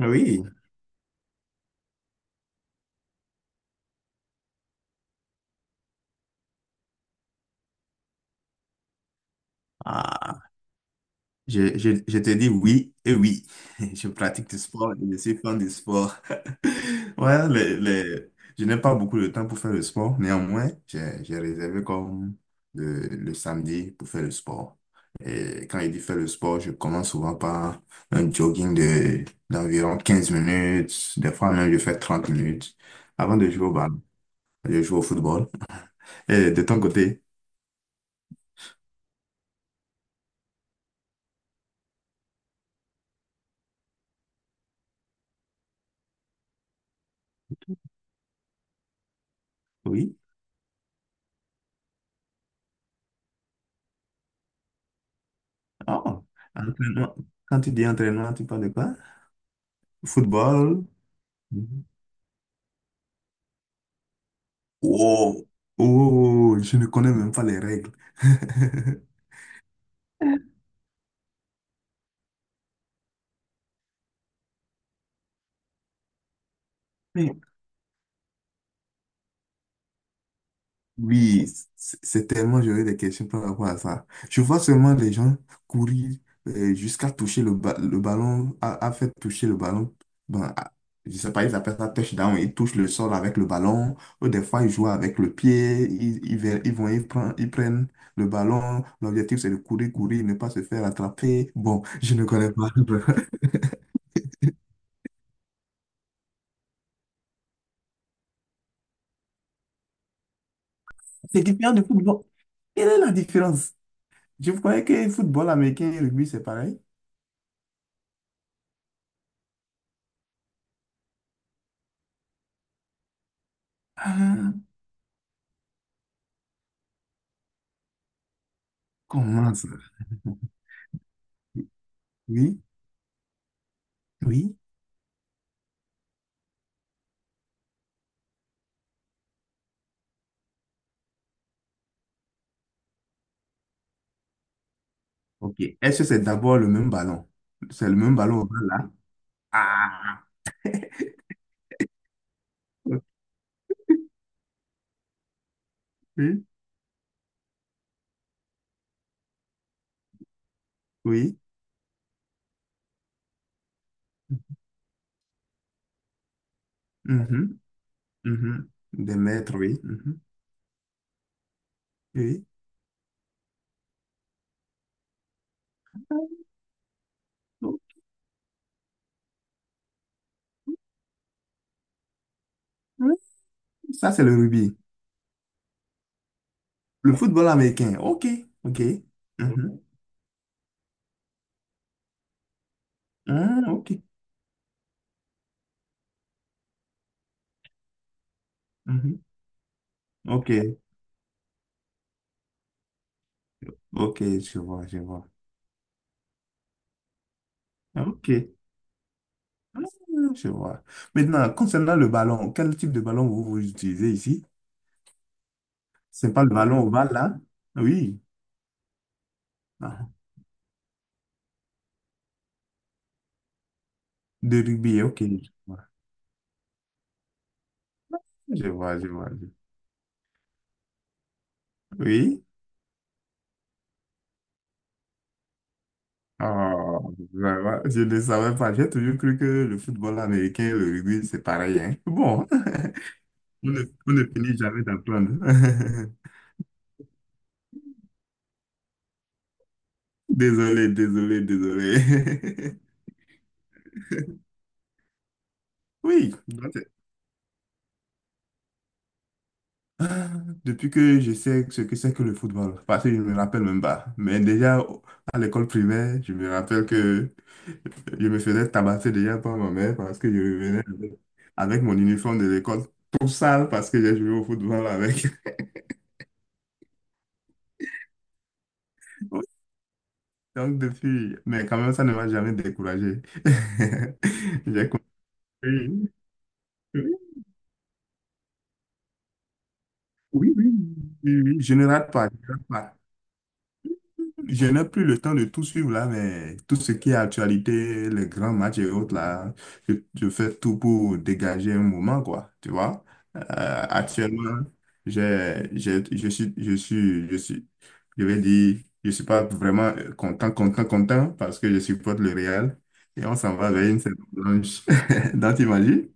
Ah oui, ah, je te dis oui et oui. Je pratique du sport et je suis fan du sport. Ouais, je n'ai pas beaucoup de temps pour faire le sport. Néanmoins, j'ai réservé comme le samedi pour faire le sport. Et quand il dit faire le sport, je commence souvent par un jogging de, d'environ 15 minutes. Des fois même, je fais 30 minutes avant de jouer au ballon. Je joue au football. Et de ton côté, oui. Oh. Entraînement. Quand tu dis entraînement, tu parles de quoi? Football. Mhm. Oh. Oh, je ne connais même pas les règles. Mais oui, c'est tellement, j'aurais des questions par rapport à ça. Je vois seulement des gens courir jusqu'à toucher le, le ballon, à faire toucher le ballon. Bon, je sais pas, ils appellent ça touchdown. Ils touchent le sol avec le ballon. Ou des fois, ils jouent avec le pied. Ils vont, ils prennent le ballon. L'objectif, c'est de courir, courir, ne pas se faire attraper. Bon, je ne connais pas. C'est différent du football. Quelle est la différence? Je croyais que le football américain et le rugby, c'est pareil. Ah, comment ça? Oui, oui. Ok. Est-ce que c'est d'abord le même ballon? C'est le même ballon ovale là? Ah! Ok. Oui. Mhm, mhm. Des mètres, oui. Mhm, oui. Oui, ça, c'est le rugby. Le football américain. OK. OK. Mhm. Ah, OK. Mhm. OK. OK. Je vois, je vois. OK. Ah, je vois. Maintenant, concernant le ballon, quel type de ballon vous utilisez ici? C'est pas le ballon ovale, là? Oui. Ah, de rugby. OK. Je vois, je vois. Oui. Oh, vraiment, je ne savais pas. J'ai toujours cru que le football américain et le rugby, c'est pareil, hein. Bon, on ne finit jamais d'apprendre. Désolé, désolé, désolé. Oui, ah, depuis que je sais ce que c'est que le football, parce que je ne me rappelle même pas. Mais déjà, à l'école primaire, je me rappelle que je me faisais tabasser déjà par ma mère parce que je revenais avec, avec mon uniforme de l'école tout sale parce que j'ai joué au football avec. Donc depuis, mais quand même, ça ne m'a jamais découragé. J'ai compris. Oui, oui, oui, oui, oui, je ne rate pas. Je ne rate pas. Je n'ai plus le temps de tout suivre là, mais tout ce qui est actualité, les grands matchs et autres là, je fais tout pour dégager un moment, quoi, tu vois. Euh, Actuellement, je suis, je vais dire, je suis pas vraiment content, content, content parce que je supporte le Real et on s'en va vers une saison blanche. Donc, t'imagines?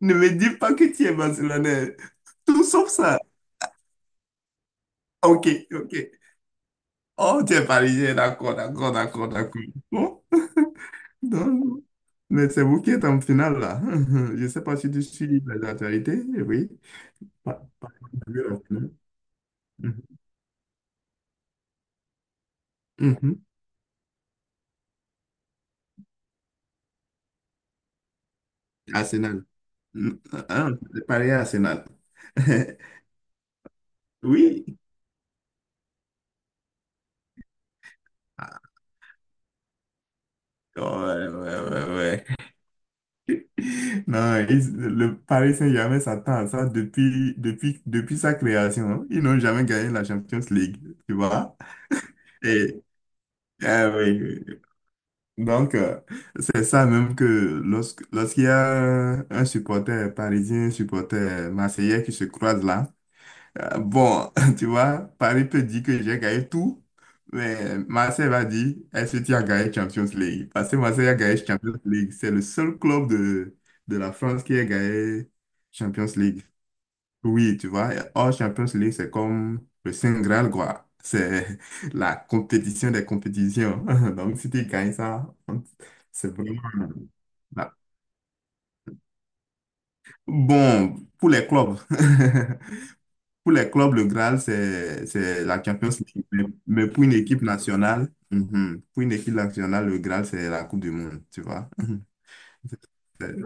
Ne me dis pas que tu es Barcelonais. Tout sauf ça. Ok, ok. Oh, tu es parisien, d'accord, d'accord, d'accord, d'accord. Bon, non, mais c'est vous qui êtes en finale, là. Je ne sais pas si tu suis les actualités, oui. Pa- pa- la finale. Mhm. Mhm. Arsenal. Mhm. Ah, c'est Paris à Arsenal. Oui. Ah, ouais, ouais, ouais, ouais. Non, le Paris Saint-Germain s'attend à ça depuis, depuis, depuis sa création, hein. Ils n'ont jamais gagné la Champions League, tu vois? Et, ah oui, oui. Donc, c'est ça même que lorsqu'il y a un supporter parisien, un supporter marseillais qui se croisent là, bon, tu vois, Paris peut dire que j'ai gagné tout, mais Marseille va dire, est-ce que tu as gagné Champions League? Parce que Marseille a gagné Champions League. C'est le seul club de la France qui a gagné Champions League. Oui, tu vois, hors Champions League, c'est comme le Saint Graal, quoi. C'est la compétition des compétitions. Donc, si tu gagnes ça, c'est vraiment... là. Bon, pour les clubs, pour les clubs, le Graal, c'est la Champions League. Mais pour une équipe nationale, mhm, pour une équipe nationale, le Graal, c'est la Coupe du Monde, tu vois. C'est- c'est-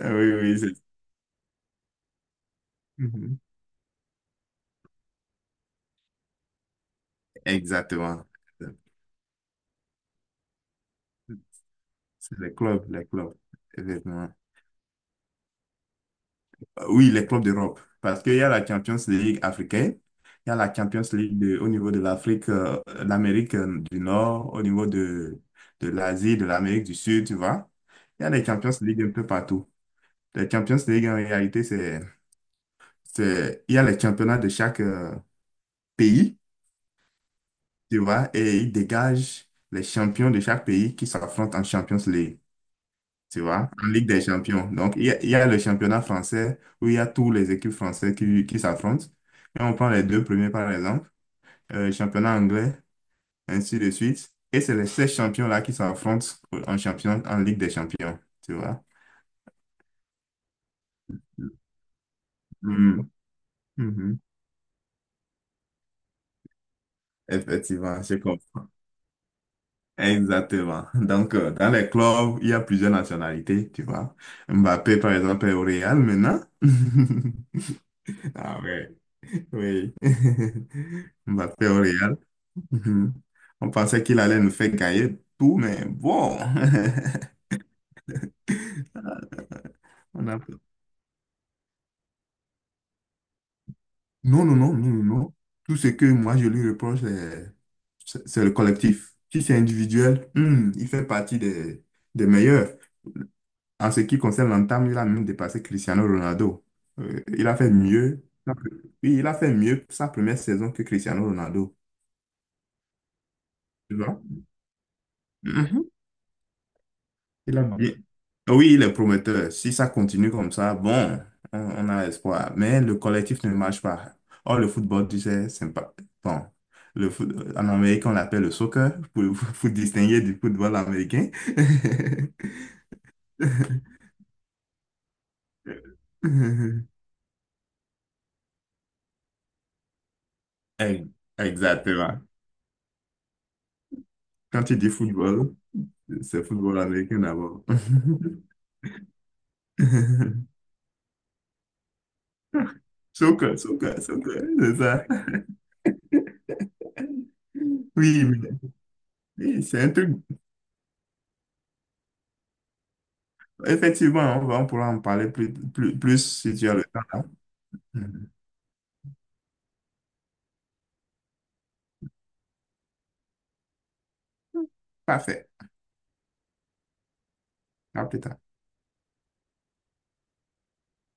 Ah oui, oui, oui, c'est... mhm. Exactement. C'est les clubs, les clubs. Effectivement. Oui, les clubs d'Europe. Parce qu'il y a la Champions League africaine, il y a la Champions League au niveau de l'Afrique, l'Amérique du Nord, au niveau de l'Asie, de l'Amérique du Sud, tu vois. Il y a les Champions League un peu partout. Les Champions League, en réalité, c'est, il y a les championnats de chaque pays, tu vois, et ils dégagent les champions de chaque pays qui s'affrontent en Champions League, tu vois, en Ligue des Champions. Donc, il y a le championnat français où il y a tous les équipes françaises qui s'affrontent. Et on prend les deux premiers, par exemple, championnat anglais, ainsi de suite. Et c'est les 16 champions-là qui s'affrontent en champion, en Ligue des Champions, tu vois. Mhm. Mhm. Effectivement, je comprends. Exactement. Donc, dans les clubs, il y a plusieurs nationalités, tu vois. Mbappé, par exemple, est au Real maintenant. Ah ouais, oui. Mbappé au Real. Mhm. On pensait qu'il allait nous faire gagner tout, mais bon. On a- Non, non, non, non, non, non. Tout ce que moi je lui reproche, c'est le collectif. Si c'est individuel, il fait partie des meilleurs. En ce qui concerne l'entame, il a même dépassé Cristiano Ronaldo. Il a fait mieux. Oui, il a fait mieux sa première saison que Cristiano Ronaldo. Tu vois? Il a- Et- Oui, il est prometteur. Si ça continue comme ça, bon, on a espoir. Mais le collectif ne marche pas. Or, le football, tu sais, c'est pas... Bon, le foot... en Amérique, on l'appelle le soccer, pour, pour distinguer du football américain. Eh, exactement. Quand tu dis football, c'est football américain d'abord. Soccer, soccer, soccer, c'est ça. Oui, mais oui, c'est un truc effectivement. On pourra en parler plus, plus, plus si tu as le temps, hein. Mhm. Parfait. À plus tard.